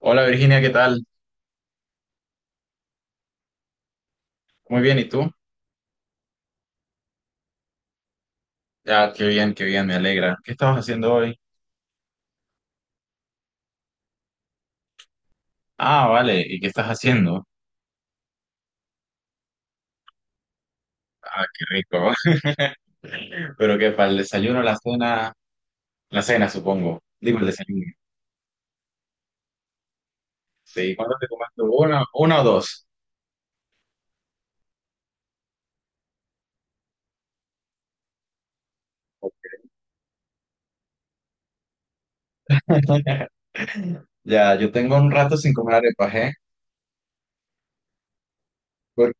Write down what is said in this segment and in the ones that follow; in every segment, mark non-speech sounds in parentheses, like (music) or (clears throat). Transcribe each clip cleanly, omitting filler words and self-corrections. Hola Virginia, ¿qué tal? Muy bien, ¿y tú? Ya, qué bien, me alegra. ¿Qué estabas haciendo hoy? Ah, vale, ¿y qué estás haciendo? Qué rico. (laughs) Pero qué, para el desayuno, la cena, supongo. Digo el desayuno. Sí, ¿cuándo te comes tú? Una o dos. (laughs) Ya, yo tengo un rato sin comer arepas, ¿eh? Por-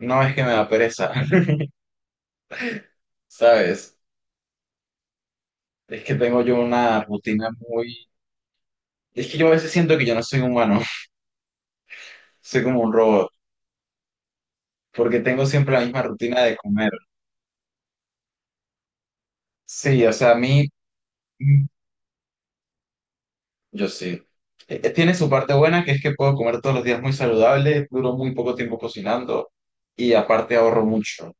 no es que me da pereza, (laughs) ¿sabes? Es que tengo yo una rutina muy... Es que yo a veces siento que yo no soy humano, (laughs) soy como un robot, porque tengo siempre la misma rutina de comer. Sí, o sea, a mí... Yo sí. Tiene su parte buena, que es que puedo comer todos los días muy saludable, duro muy poco tiempo cocinando y aparte ahorro mucho.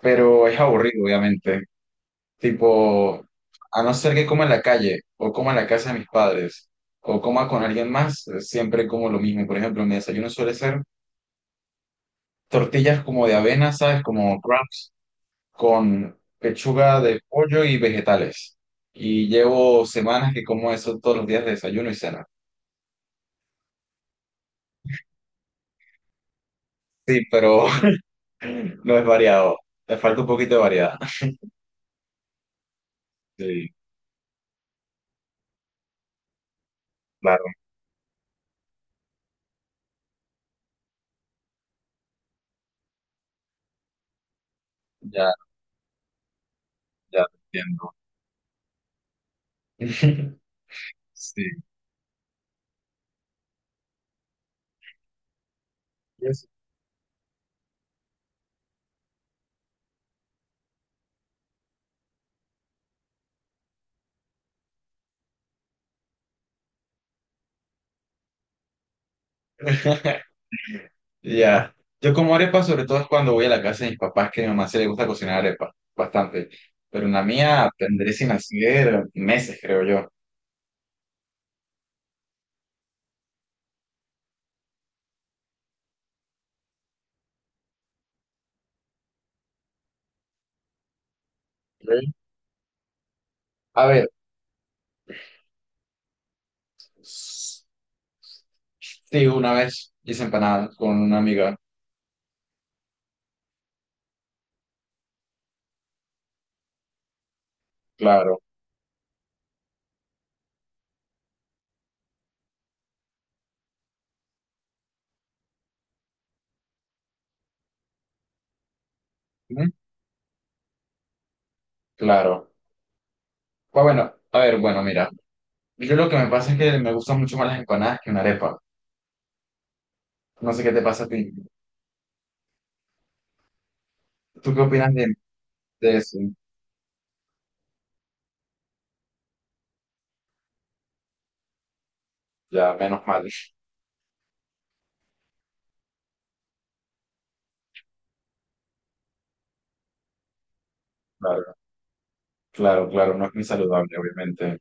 Pero es aburrido, obviamente. Tipo, a no ser que coma en la calle o coma en la casa de mis padres o coma con alguien más, siempre como lo mismo. Por ejemplo, mi desayuno suele ser tortillas como de avena, ¿sabes? Como crumbs, con pechuga de pollo y vegetales. Y llevo semanas que como eso todos los días de desayuno y cena. Sí, pero (clears throat) no es variado. Te falta un poquito de variedad. Sí, claro, ya, ya te entiendo. (laughs) Sí. Y (laughs) ya. Yo como arepa, sobre todo es cuando voy a la casa de mis papás, que a mi mamá se le gusta cocinar arepa bastante. Pero en la mía tendré sin hacer meses, creo yo. Ok, a ver, s- sí, una vez hice empanadas con una amiga, claro, ujú, claro. Pues bueno, a ver, bueno, mira, yo lo que me pasa es que me gustan mucho más las empanadas que una arepa. No sé qué te pasa a ti. ¿Tú qué opinas de eso? Ya, menos mal. Claro, claro, claro, no es muy saludable, obviamente.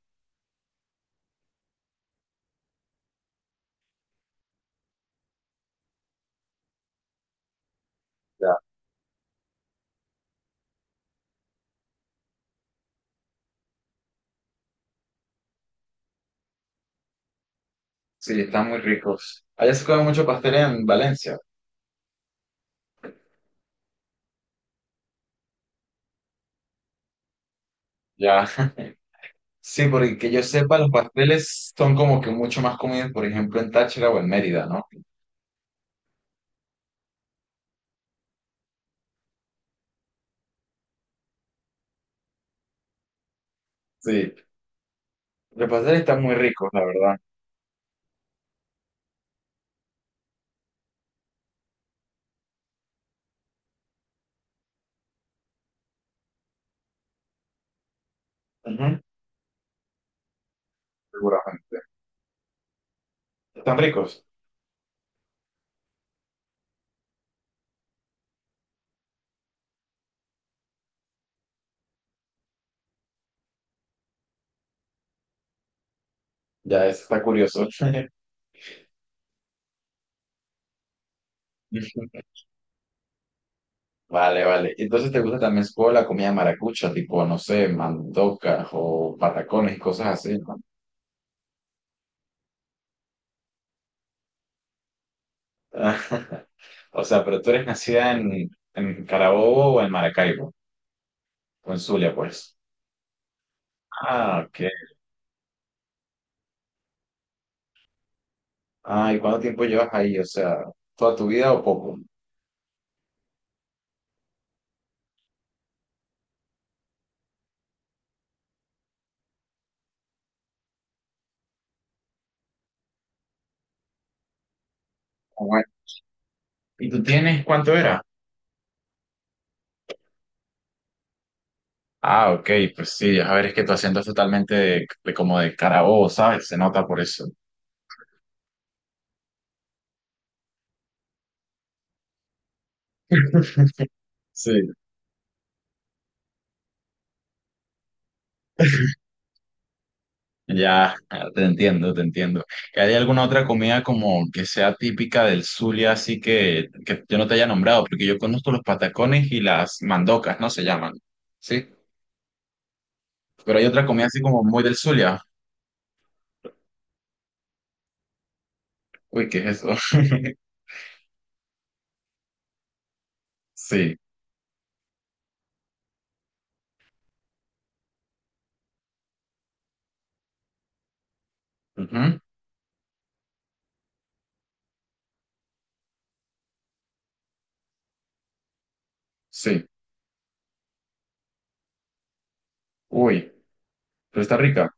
Ya. Sí, están muy ricos. Allá se come mucho pastel en Valencia. Ya. (laughs) Sí, porque que yo sepa, los pasteles son como que mucho más comidos, por ejemplo, en Táchira o en Mérida, ¿no? Sí, los pasteles están muy ricos, la verdad. Ujú, seguramente. Están ricos. Ya, eso está curioso. (laughs) Vale, vale. Entonces, ¿te gusta también como la comida maracucha, tipo, no sé, mandocas o patacones y cosas así, ¿no? (laughs) O sea, pero tú eres nacida en Carabobo o en Maracaibo, o en Zulia, pues. Ah, ok. Ah, ¿y cuánto tiempo llevas ahí? O sea, ¿toda tu vida o poco? Ah, bueno. ¿Y tú tienes cuánto era? Ah, ok, pues sí, a ver, es que tu acento es totalmente de como de Carabobo, ¿sabes? Se nota por eso. (laughs) Sí. Ya, ah, te entiendo, te entiendo. ¿Que hay alguna otra comida como que sea típica del Zulia, así que yo no te haya nombrado? Porque yo conozco los patacones y las mandocas, ¿no? Se llaman, ¿sí? Pero hay otra comida así como muy del Zulia. Uy, ¿qué es eso? (laughs) Sí. Ujú, sí. Uy, pero está rica.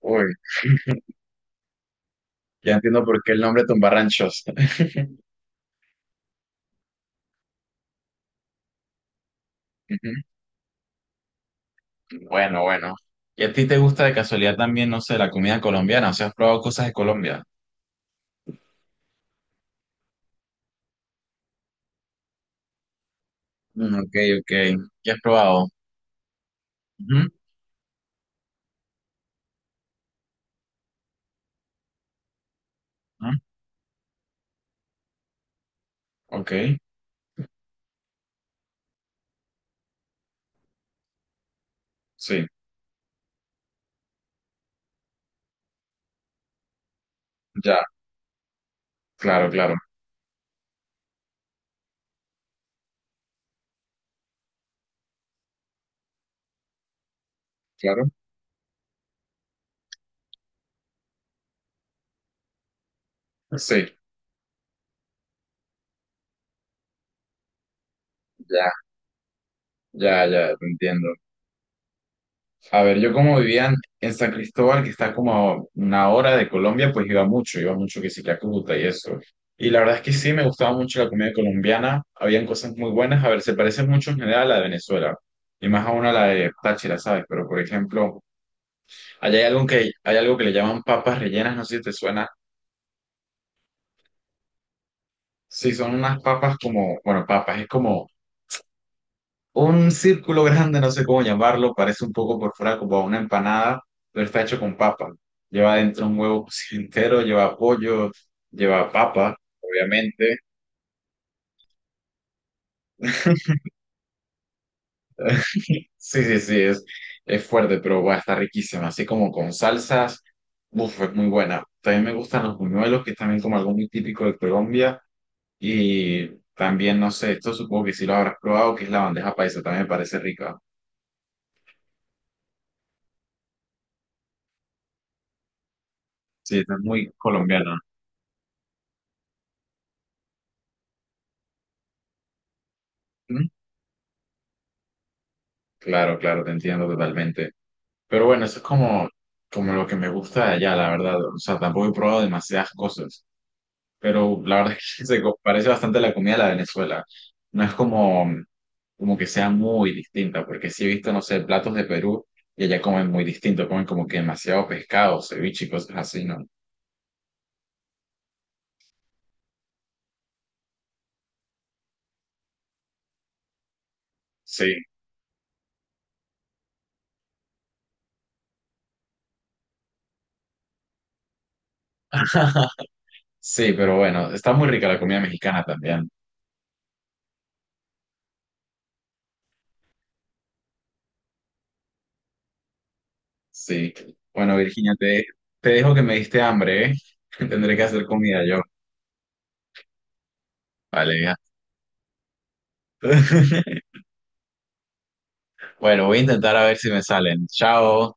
Uy, ya entiendo por qué el nombre Tumbarranchos. (laughs) Ujú, bueno, bueno. ¿Y a ti te gusta de casualidad también, no sé, la comida colombiana? O sea, ¿has probado cosas de Colombia? Mm, ok, ok. ¿Qué has probado? Ujú, ujú, ok, sí, ya, claro, claro, claro. Sí, ya, ya, ya, te entiendo. A ver, yo como vivía en San Cristóbal, que está como a una hora de Colombia, pues iba mucho que sí que a Cúcuta y eso. Y la verdad es que sí, me gustaba mucho la comida colombiana, habían cosas muy buenas, a ver, se parece mucho en general a la de Venezuela, y más aún a la de Táchira, ¿sabes? Pero por ejemplo, allá hay algo que le llaman papas rellenas, no sé si te suena. Sí, son unas papas como, bueno, papas, es como un círculo grande, no sé cómo llamarlo, parece un poco por fuera como una empanada, pero está hecho con papa. Lleva dentro un huevo cocido entero, lleva pollo, lleva papa, obviamente. Sí, sí, sí, es fuerte, pero bueno, está riquísima. Así como con salsas, uff, es muy buena. También me gustan los buñuelos, que es también como algo muy típico de Colombia. Y también, no sé, esto supongo que sí lo habrás probado, que es la bandeja paisa, también me parece rica. Sí, está muy colombiana. Ujú. Claro, claro, te entiendo totalmente. Pero bueno, eso es como, como lo que me gusta de allá, la verdad. O sea, tampoco he probado demasiadas cosas, pero la verdad es que (laughs) parece bastante a la comida de la Venezuela. No es como, como que sea muy distinta, porque sí he visto, no sé, platos de Perú y allá comen muy distinto, comen como que demasiado pescado, ceviche y cosas así, ¿no? Sí. (laughs) Sí, pero bueno, está muy rica la comida mexicana también. Sí. Bueno, Virginia, te dejo que me diste hambre, ¿eh? (laughs) Tendré que hacer comida yo. Vale, ya. (laughs) Bueno, voy a intentar a ver si me salen. Chao.